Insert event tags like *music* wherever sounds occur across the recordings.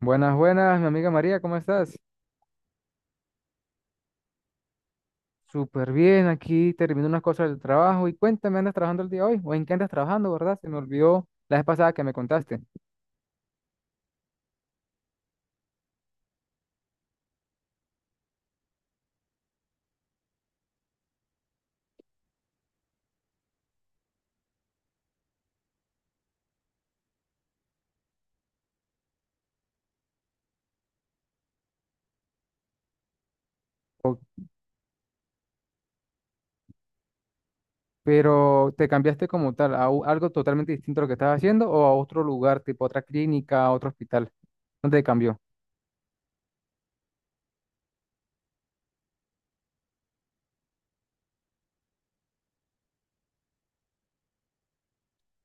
Buenas, buenas, mi amiga María, ¿cómo estás? Súper bien, aquí termino unas cosas del trabajo y cuéntame, ¿andas trabajando el día de hoy? ¿O en qué andas trabajando, verdad? Se me olvidó la vez pasada que me contaste. O- pero te cambiaste como tal algo totalmente distinto a lo que estabas haciendo o a otro lugar, tipo otra clínica, otro hospital. ¿Dónde te cambió?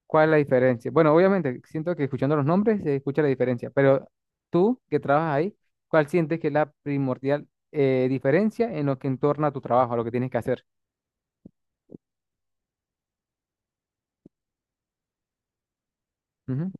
¿Cuál es la diferencia? Bueno, obviamente, siento que escuchando los nombres se escucha la diferencia, pero tú que trabajas ahí, ¿cuál sientes que es la primordial diferencia en lo que entorna a tu trabajo, a lo que tienes que hacer? Ujú.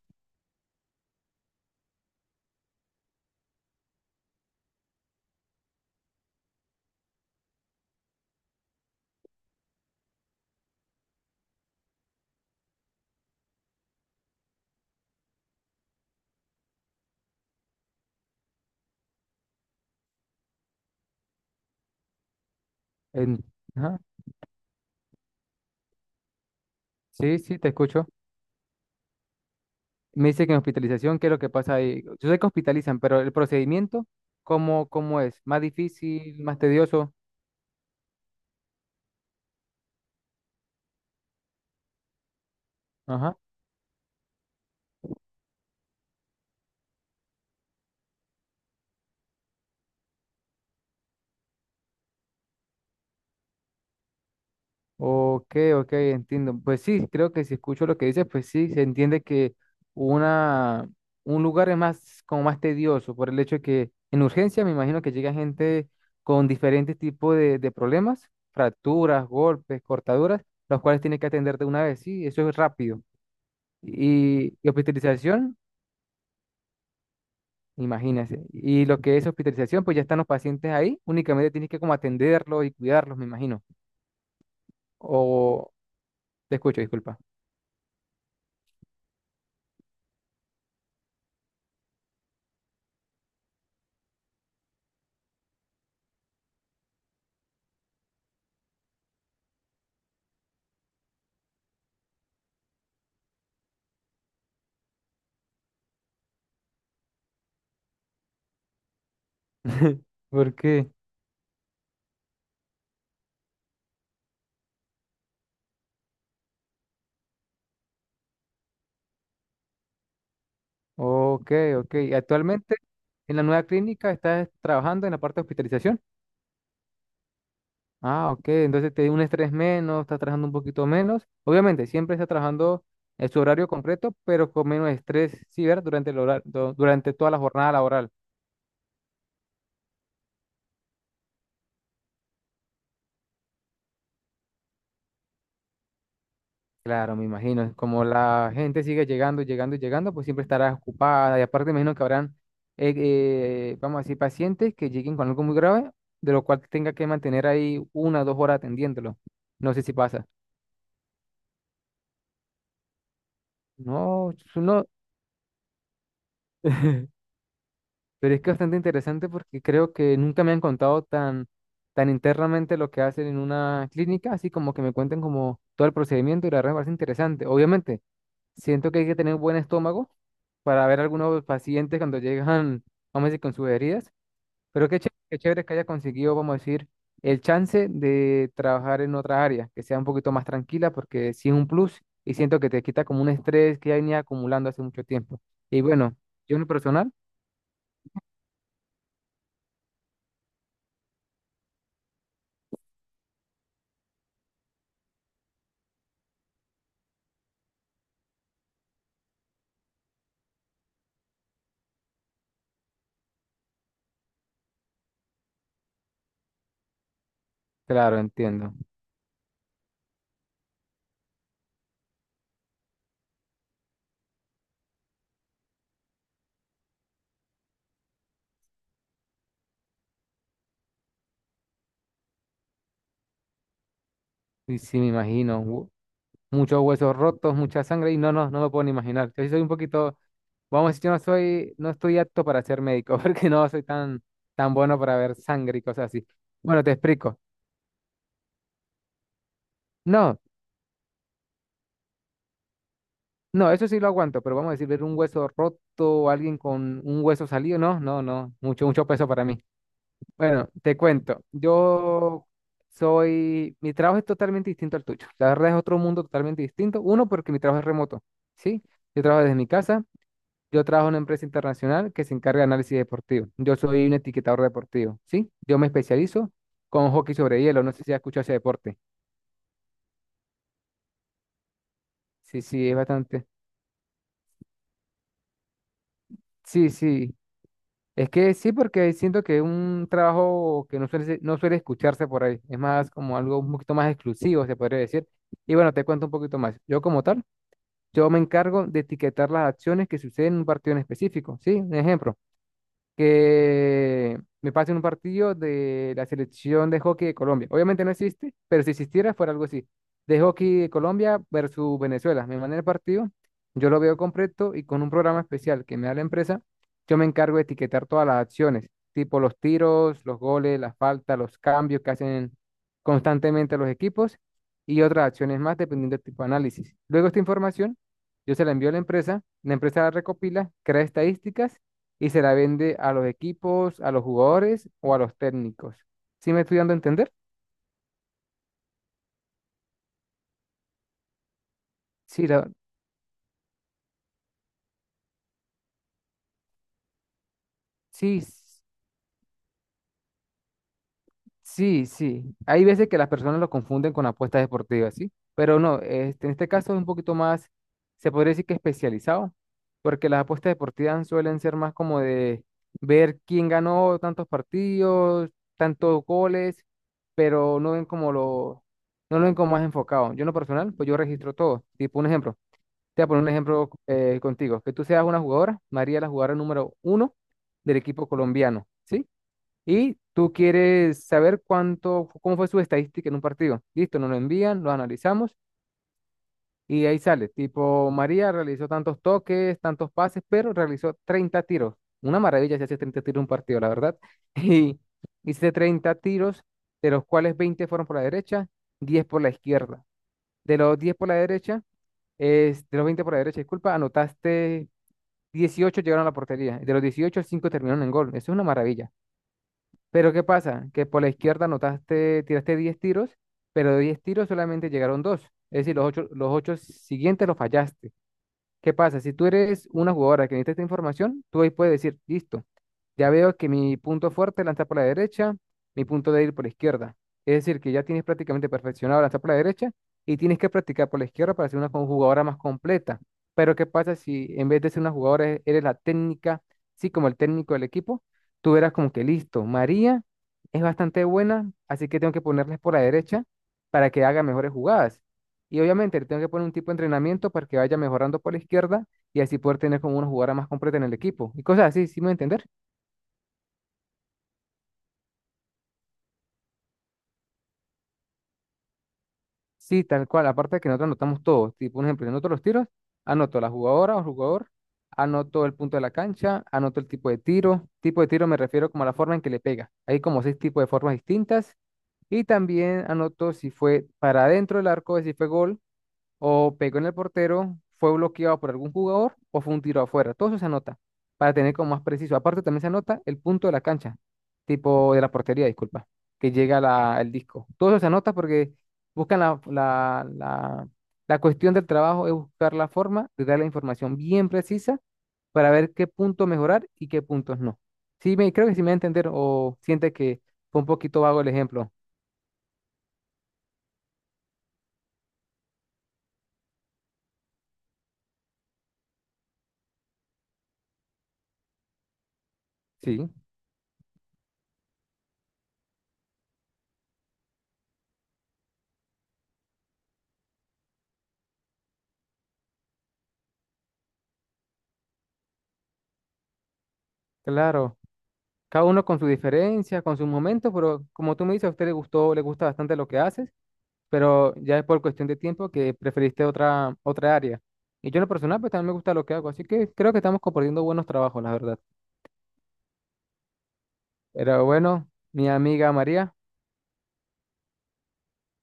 en- ajá. Sí, sí, te escucho. Me dice que en hospitalización, ¿qué es lo que pasa ahí? Yo sé que hospitalizan, pero el procedimiento, ¿cómo es? ¿Más difícil, más tedioso? Ajá. Ok, ok, entiendo. Pues sí, creo que si escucho lo que dices, pues sí, se entiende que una, un lugar es más, como más tedioso, por el hecho de que en urgencia me imagino que llega gente con diferentes tipos de problemas, fracturas, golpes, cortaduras, los cuales tiene que atender de una vez, sí, eso es rápido. Y hospitalización. Imagínense. Y lo que es hospitalización, pues ya están los pacientes ahí, únicamente tienes que como atenderlos y cuidarlos, me imagino. O Te escucho, disculpa. *laughs* ¿Por qué? Ok, ok. Y actualmente en la nueva clínica estás trabajando en la parte de hospitalización. Ah, ok. Entonces te da un estrés menos, estás trabajando un poquito menos. Obviamente, siempre estás trabajando en su horario completo, pero con menos estrés, sí, ¿verdad? Durante el durante toda la jornada laboral. Claro, me imagino. Como la gente sigue llegando, llegando y llegando, pues siempre estará ocupada. Y aparte, me imagino que habrán, vamos a decir, pacientes que lleguen con algo muy grave, de lo cual tenga que mantener ahí una o dos horas atendiéndolo. No sé si pasa. No, eso no. *laughs* Pero es que es bastante interesante porque creo que nunca me han contado tan, tan internamente lo que hacen en una clínica, así como que me cuenten como todo el procedimiento y la verdad me parece interesante. Obviamente. Siento que hay que tener buen estómago para ver algunos pacientes cuando llegan, vamos a decir, con sus heridas. Pero qué chévere que haya conseguido, vamos a decir, el chance de trabajar en otra área, que sea un poquito más tranquila, porque sí es un plus y siento que te quita como un estrés que ya venía acumulando hace mucho tiempo. Y bueno, yo en lo personal, claro, entiendo. Y sí, me imagino, muchos huesos rotos, mucha sangre y no, no, no me puedo ni imaginar. Yo sí soy un poquito. Vamos, a decir, yo no soy, no estoy apto para ser médico, *laughs* porque no soy tan, tan bueno para ver sangre y cosas así. Bueno, te explico. No, no, eso sí lo aguanto, pero vamos a decir, ver un hueso roto o alguien con un hueso salido, no, no, no, mucho, mucho peso para mí. Bueno, te cuento, mi trabajo es totalmente distinto al tuyo. La verdad es otro mundo totalmente distinto. Uno, porque mi trabajo es remoto, ¿sí? Yo trabajo desde mi casa. Yo trabajo en una empresa internacional que se encarga de análisis deportivo. Yo soy un etiquetador deportivo, ¿sí? Yo me especializo con hockey sobre hielo. No sé si has escuchado ese deporte. Sí, sí, es bastante. Sí, sí. Es que sí, porque siento que es un trabajo que no suele escucharse por ahí. Es más como algo un poquito más exclusivo, se podría decir. Y bueno, te cuento un poquito más. Yo como tal, yo me encargo de etiquetar las acciones que suceden en un partido en específico, ¿sí? Un ejemplo: que me pasen un partido de la selección de hockey de Colombia. Obviamente no existe, pero si existiera fuera algo así. De hockey de Colombia versus Venezuela. Me mandan el partido, yo lo veo completo y con un programa especial que me da la empresa, yo me encargo de etiquetar todas las acciones, tipo los tiros, los goles, las faltas, los cambios que hacen constantemente los equipos y otras acciones más dependiendo del tipo de análisis. Luego esta información, yo se la envío a la empresa, la empresa la recopila, crea estadísticas y se la vende a los equipos, a los jugadores o a los técnicos. ¿Sí me estoy dando a entender? Sí, la- sí, s- sí, sí. Hay veces que las personas lo confunden con apuestas deportivas, ¿sí? Pero no, este, en este caso es un poquito más, se podría decir que especializado, porque las apuestas deportivas suelen ser más como de ver quién ganó tantos partidos, tantos goles, pero no lo ven como más enfocado. Yo en lo personal, pues yo registro todo. Tipo, un ejemplo. Te voy a poner un ejemplo contigo. Que tú seas una jugadora, María la jugadora número 1 del equipo colombiano, ¿sí? Y tú quieres saber cuánto, cómo fue su estadística en un partido. Listo, nos lo envían, lo analizamos y ahí sale. Tipo, María realizó tantos toques, tantos pases, pero realizó 30 tiros. Una maravilla si hace 30 tiros en un partido, la verdad. *laughs* Y hice 30 tiros, de los cuales 20 fueron por la derecha, 10 por la izquierda. De los 10 por la derecha, de los 20 por la derecha, disculpa, anotaste. 18 llegaron a la portería. De los 18, 5 terminaron en gol. Eso es una maravilla. Pero ¿qué pasa? Que por la izquierda anotaste, tiraste 10 tiros, pero de 10 tiros solamente llegaron 2. Es decir, los ocho siguientes los fallaste. ¿Qué pasa? Si tú eres una jugadora que necesita esta información, tú ahí puedes decir, listo, ya veo que mi punto fuerte es lanzar por la derecha, mi punto débil por la izquierda. Es decir, que ya tienes prácticamente perfeccionado lanzar por la derecha y tienes que practicar por la izquierda para ser una jugadora más completa. Pero ¿qué pasa si en vez de ser una jugadora eres la técnica, sí, como el técnico del equipo, tú verás como que listo, María es bastante buena, así que tengo que ponerles por la derecha para que haga mejores jugadas. Y obviamente le tengo que poner un tipo de entrenamiento para que vaya mejorando por la izquierda y así poder tener como una jugada más completa en el equipo. Y cosas así, ¿sí me voy a entender? Sí, tal cual. Aparte de que nosotros anotamos todo. Tipo, un ejemplo, yo anoto los tiros, anoto la jugadora o jugador, anoto el punto de la cancha, anoto el tipo de tiro. Tipo de tiro me refiero como a la forma en que le pega. Hay como seis tipos de formas distintas. Y también anoto si fue para adentro del arco, si fue gol o pegó en el portero, fue bloqueado por algún jugador o fue un tiro afuera. Todo eso se anota para tener como más preciso. Aparte también se anota el punto de la cancha, tipo de la portería, disculpa, que llega el disco. Todo eso se anota porque buscan la, la, la, la cuestión del trabajo es buscar la forma de dar la información bien precisa para ver qué punto mejorar y qué puntos no. Sí, me, creo que sí me va a entender o siente que fue un poquito vago el ejemplo. Sí, claro. Cada uno con su diferencia con sus momentos, pero como tú me dices, a usted le gustó, le gusta bastante lo que haces, pero ya es por cuestión de tiempo que preferiste otra área. Y yo en lo personal, pues también me gusta lo que hago, así que creo que estamos compartiendo buenos trabajos, la verdad. Pero bueno, mi amiga María,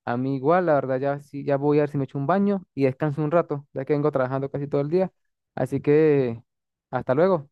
a mí igual, la verdad, ya, sí, ya voy a ver si me echo un baño y descanso un rato, ya que vengo trabajando casi todo el día. Así que hasta luego.